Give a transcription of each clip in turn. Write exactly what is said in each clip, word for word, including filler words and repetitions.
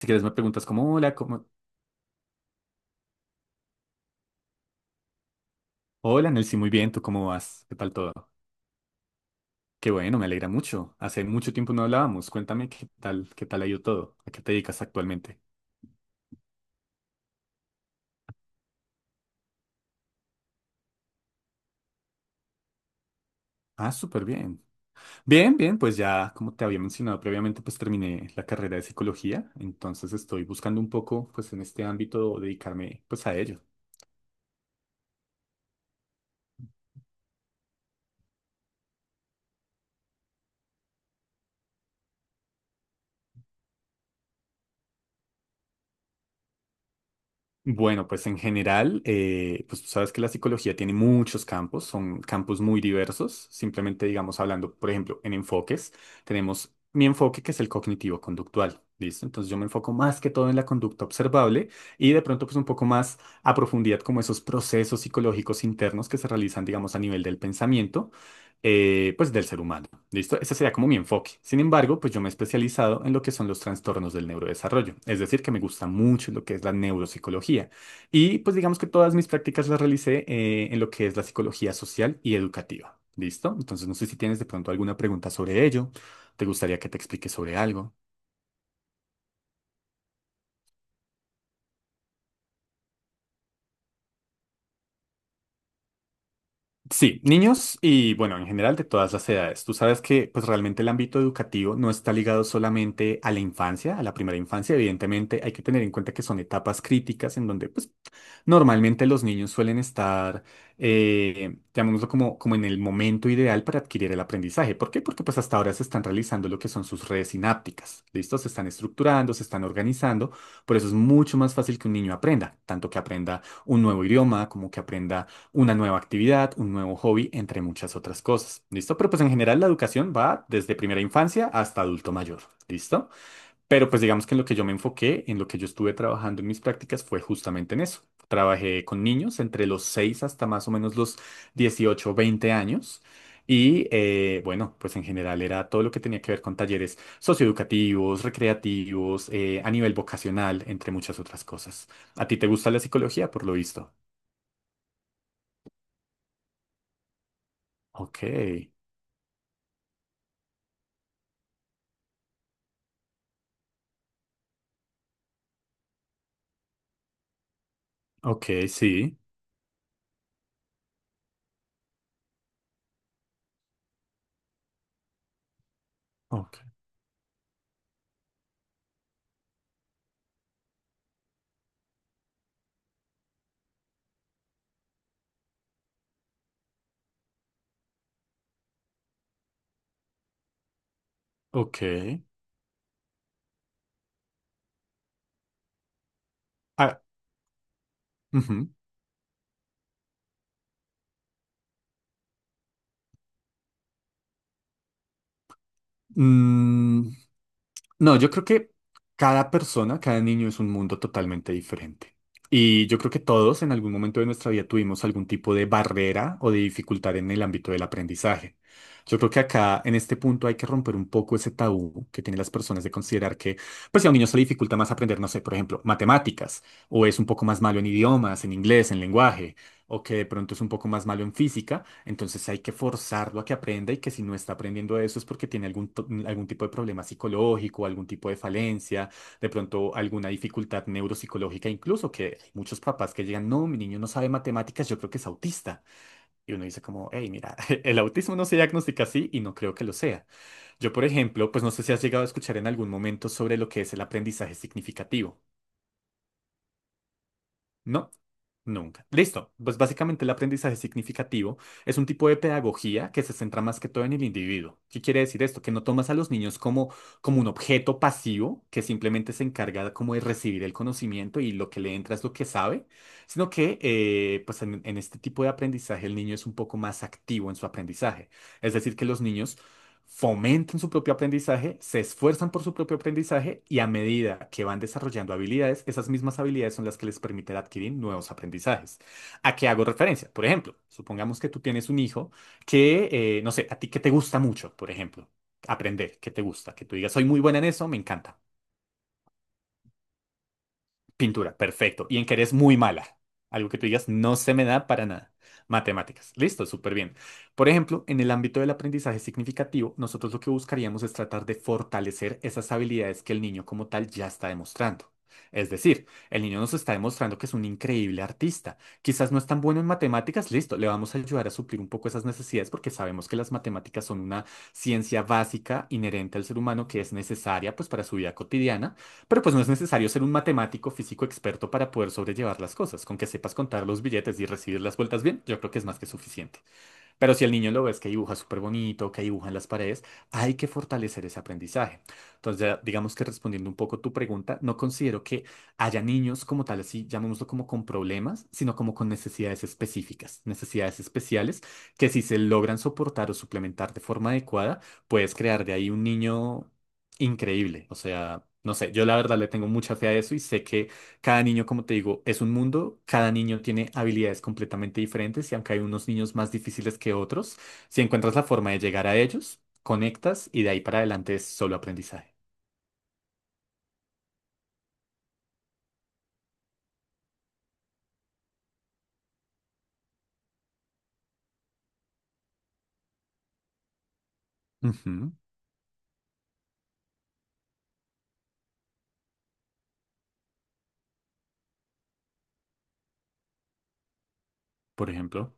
Si quieres me preguntas como, hola, ¿cómo? Hola, Nelcy, muy bien, ¿tú cómo vas? ¿Qué tal todo? Qué bueno, me alegra mucho. Hace mucho tiempo no hablábamos. Cuéntame qué tal, qué tal ha ido todo. ¿A qué te dedicas actualmente? Ah, súper bien. Bien, bien, pues ya, como te había mencionado previamente, pues terminé la carrera de psicología, entonces estoy buscando un poco, pues en este ámbito, dedicarme, pues a ello. Bueno, pues en general, eh, pues tú sabes que la psicología tiene muchos campos, son campos muy diversos. Simplemente, digamos, hablando, por ejemplo, en enfoques, tenemos mi enfoque que es el cognitivo-conductual, ¿listo? Entonces yo me enfoco más que todo en la conducta observable y de pronto pues un poco más a profundidad como esos procesos psicológicos internos que se realizan, digamos, a nivel del pensamiento, eh, pues del ser humano. ¿Listo? Ese sería como mi enfoque. Sin embargo, pues yo me he especializado en lo que son los trastornos del neurodesarrollo. Es decir, que me gusta mucho lo que es la neuropsicología. Y pues digamos que todas mis prácticas las realicé eh, en lo que es la psicología social y educativa. ¿Listo? Entonces, no sé si tienes de pronto alguna pregunta sobre ello. ¿Te gustaría que te explique sobre algo? Sí, niños y bueno, en general de todas las edades. Tú sabes que pues realmente el ámbito educativo no está ligado solamente a la infancia, a la primera infancia. Evidentemente hay que tener en cuenta que son etapas críticas en donde pues normalmente los niños suelen estar, eh, llamémoslo como, como en el momento ideal para adquirir el aprendizaje. ¿Por qué? Porque pues hasta ahora se están realizando lo que son sus redes sinápticas, ¿listo? Se están estructurando, se están organizando, por eso es mucho más fácil que un niño aprenda, tanto que aprenda un nuevo idioma, como que aprenda una nueva actividad, un nuevo hobby, entre muchas otras cosas, ¿listo? Pero pues en general la educación va desde primera infancia hasta adulto mayor, ¿listo? Pero pues digamos que en lo que yo me enfoqué, en lo que yo estuve trabajando en mis prácticas fue justamente en eso. Trabajé con niños entre los seis hasta más o menos los dieciocho o veinte años. Y eh, bueno, pues en general era todo lo que tenía que ver con talleres socioeducativos, recreativos, eh, a nivel vocacional, entre muchas otras cosas. ¿A ti te gusta la psicología, por lo visto? Ok, ok, sí. Ok, ok. Ah, ujú. Mm, no, yo creo que cada persona, cada niño es un mundo totalmente diferente. Y yo creo que todos en algún momento de nuestra vida tuvimos algún tipo de barrera o de dificultad en el ámbito del aprendizaje. Yo creo que acá, en este punto, hay que romper un poco ese tabú que tienen las personas de considerar que, pues si a un niño se le dificulta más aprender, no sé, por ejemplo, matemáticas, o es un poco más malo en idiomas, en inglés, en lenguaje, o que de pronto es un poco más malo en física, entonces hay que forzarlo a que aprenda y que si no está aprendiendo eso es porque tiene algún, to- algún tipo de problema psicológico, algún tipo de falencia, de pronto alguna dificultad neuropsicológica, incluso que hay muchos papás que llegan, no, mi niño no sabe matemáticas, yo creo que es autista. Y uno dice como, hey, mira, el autismo no se diagnostica así y no creo que lo sea. Yo, por ejemplo, pues no sé si has llegado a escuchar en algún momento sobre lo que es el aprendizaje significativo. No, nunca. Listo. Pues básicamente el aprendizaje significativo es un tipo de pedagogía que se centra más que todo en el individuo. ¿Qué quiere decir esto? Que no tomas a los niños como, como, un objeto pasivo que simplemente se encarga como de recibir el conocimiento y lo que le entra es lo que sabe, sino que eh, pues en, en este tipo de aprendizaje el niño es un poco más activo en su aprendizaje. Es decir, que los niños fomentan su propio aprendizaje, se esfuerzan por su propio aprendizaje y a medida que van desarrollando habilidades, esas mismas habilidades son las que les permiten adquirir nuevos aprendizajes. ¿A qué hago referencia? Por ejemplo, supongamos que tú tienes un hijo que, eh, no sé, a ti que te gusta mucho, por ejemplo, aprender, que te gusta, que tú digas, soy muy buena en eso, me encanta. Pintura, perfecto. Y en que eres muy mala. Algo que tú digas, no se me da para nada. Matemáticas, listo, súper bien. Por ejemplo, en el ámbito del aprendizaje significativo, nosotros lo que buscaríamos es tratar de fortalecer esas habilidades que el niño como tal ya está demostrando. Es decir, el niño nos está demostrando que es un increíble artista. Quizás no es tan bueno en matemáticas, listo, le vamos a ayudar a suplir un poco esas necesidades porque sabemos que las matemáticas son una ciencia básica inherente al ser humano que es necesaria pues para su vida cotidiana pero pues no es necesario ser un matemático físico experto para poder sobrellevar las cosas. Con que sepas contar los billetes y recibir las vueltas bien, yo creo que es más que suficiente. Pero si el niño lo ves que dibuja súper bonito, que dibuja en las paredes, hay que fortalecer ese aprendizaje. Entonces, ya digamos que respondiendo un poco tu pregunta, no considero que haya niños como tal, así llamémoslo como con problemas, sino como con necesidades específicas, necesidades especiales que si se logran soportar o suplementar de forma adecuada, puedes crear de ahí un niño increíble. O sea, no sé, yo la verdad le tengo mucha fe a eso y sé que cada niño, como te digo, es un mundo, cada niño tiene habilidades completamente diferentes y aunque hay unos niños más difíciles que otros, si encuentras la forma de llegar a ellos, conectas y de ahí para adelante es solo aprendizaje. Ujú, por ejemplo.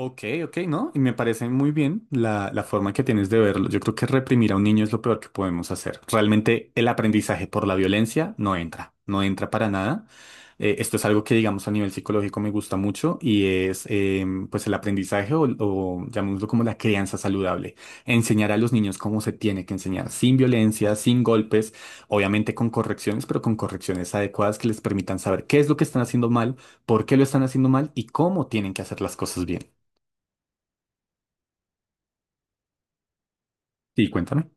Ok, ok, ¿no? Y me parece muy bien la, la forma que tienes de verlo. Yo creo que reprimir a un niño es lo peor que podemos hacer. Realmente el aprendizaje por la violencia no entra, no entra para nada. Eh, esto es algo que, digamos, a nivel psicológico me gusta mucho y es, em, pues, el aprendizaje o, o llamémoslo como la crianza saludable. Enseñar a los niños cómo se tiene que enseñar, sin violencia, sin golpes, obviamente con correcciones, pero con correcciones adecuadas que les permitan saber qué es lo que están haciendo mal, por qué lo están haciendo mal y cómo tienen que hacer las cosas bien. Sí, cuéntame.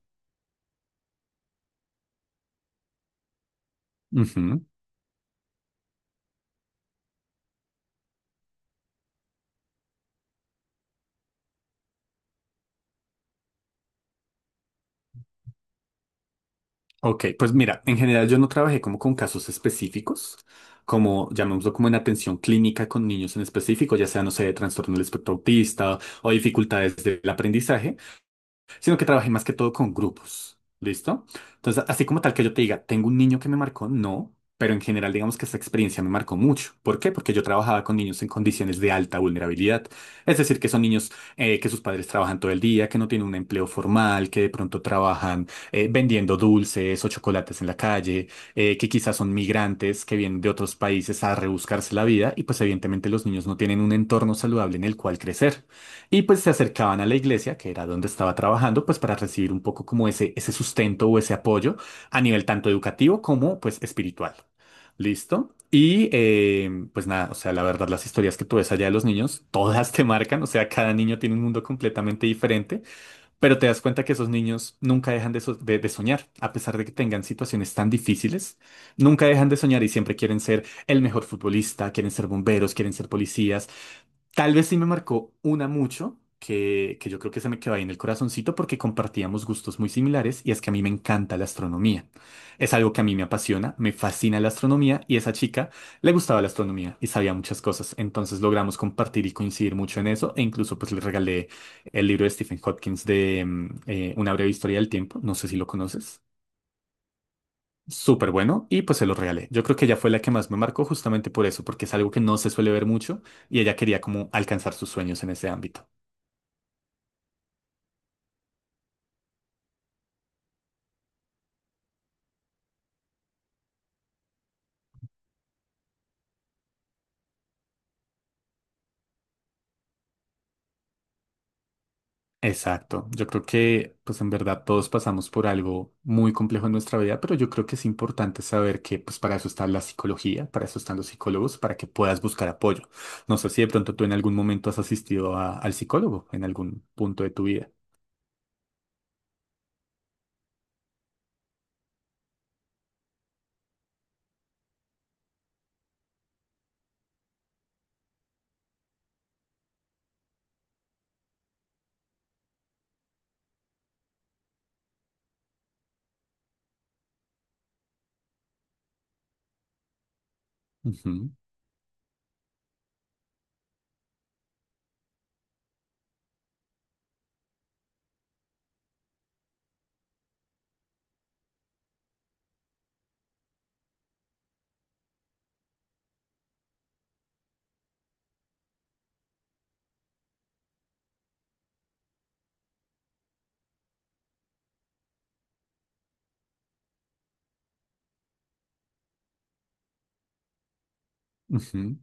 Ujú. Ok, pues mira, en general yo no trabajé como con casos específicos, como llamémoslo como en atención clínica con niños en específico, ya sea, no sé, de trastorno del espectro autista o dificultades del aprendizaje. Sino que trabajé más que todo con grupos. ¿Listo? Entonces, así como tal que yo te diga, tengo un niño que me marcó, no, pero en general digamos que esta experiencia me marcó mucho. ¿Por qué? Porque yo trabajaba con niños en condiciones de alta vulnerabilidad. Es decir, que son niños eh, que sus padres trabajan todo el día, que no tienen un empleo formal, que de pronto trabajan eh, vendiendo dulces o chocolates en la calle, eh, que quizás son migrantes que vienen de otros países a rebuscarse la vida y pues evidentemente los niños no tienen un entorno saludable en el cual crecer. Y pues se acercaban a la iglesia, que era donde estaba trabajando, pues para recibir un poco como ese, ese sustento o ese apoyo a nivel tanto educativo como pues espiritual. ¿Listo? Y eh, pues nada, o sea, la verdad las historias que tú ves allá de los niños, todas te marcan, o sea, cada niño tiene un mundo completamente diferente, pero te das cuenta que esos niños nunca dejan de, so- de de soñar, a pesar de que tengan situaciones tan difíciles, nunca dejan de soñar y siempre quieren ser el mejor futbolista, quieren ser bomberos, quieren ser policías. Tal vez sí me marcó una mucho, que, que yo creo que se me quedó ahí en el corazoncito porque compartíamos gustos muy similares y es que a mí me encanta la astronomía. Es algo que a mí me apasiona, me fascina la astronomía y esa chica le gustaba la astronomía y sabía muchas cosas. Entonces logramos compartir y coincidir mucho en eso e incluso pues le regalé el libro de Stephen Hawking de mm, eh, Una breve historia del tiempo, no sé si lo conoces súper bueno y pues se lo regalé. Yo creo que ella fue la que más me marcó justamente por eso, porque es algo que no se suele ver mucho y ella quería como alcanzar sus sueños en ese ámbito. Exacto. Yo creo que pues en verdad todos pasamos por algo muy complejo en nuestra vida, pero yo creo que es importante saber que pues para eso está la psicología, para eso están los psicólogos, para que puedas buscar apoyo. No sé si de pronto tú en algún momento has asistido a- al psicólogo en algún punto de tu vida. Ujú, ujú.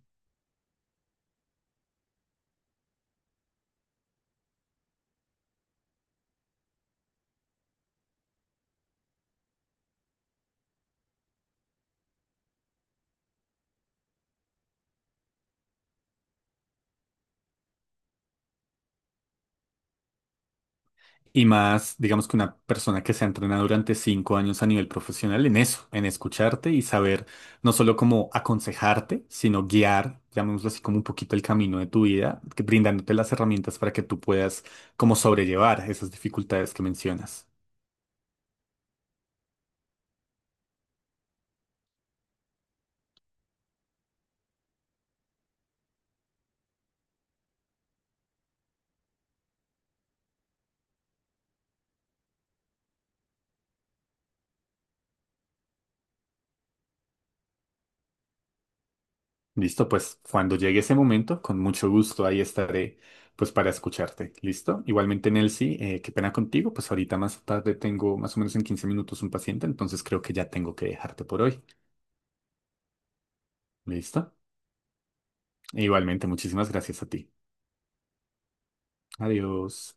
Y más, digamos que una persona que se ha entrenado durante cinco años a nivel profesional en eso, en escucharte y saber no solo cómo aconsejarte, sino guiar, llamémoslo así, como un poquito el camino de tu vida, que- brindándote las herramientas para que tú puedas como sobrellevar esas dificultades que mencionas. Listo, pues cuando llegue ese momento, con mucho gusto ahí estaré pues para escucharte. Listo. Igualmente, Nelcy, eh, qué pena contigo, pues ahorita más tarde tengo más o menos en quince minutos un paciente, entonces creo que ya tengo que dejarte por hoy. ¿Listo? Igualmente, muchísimas gracias a ti. Adiós.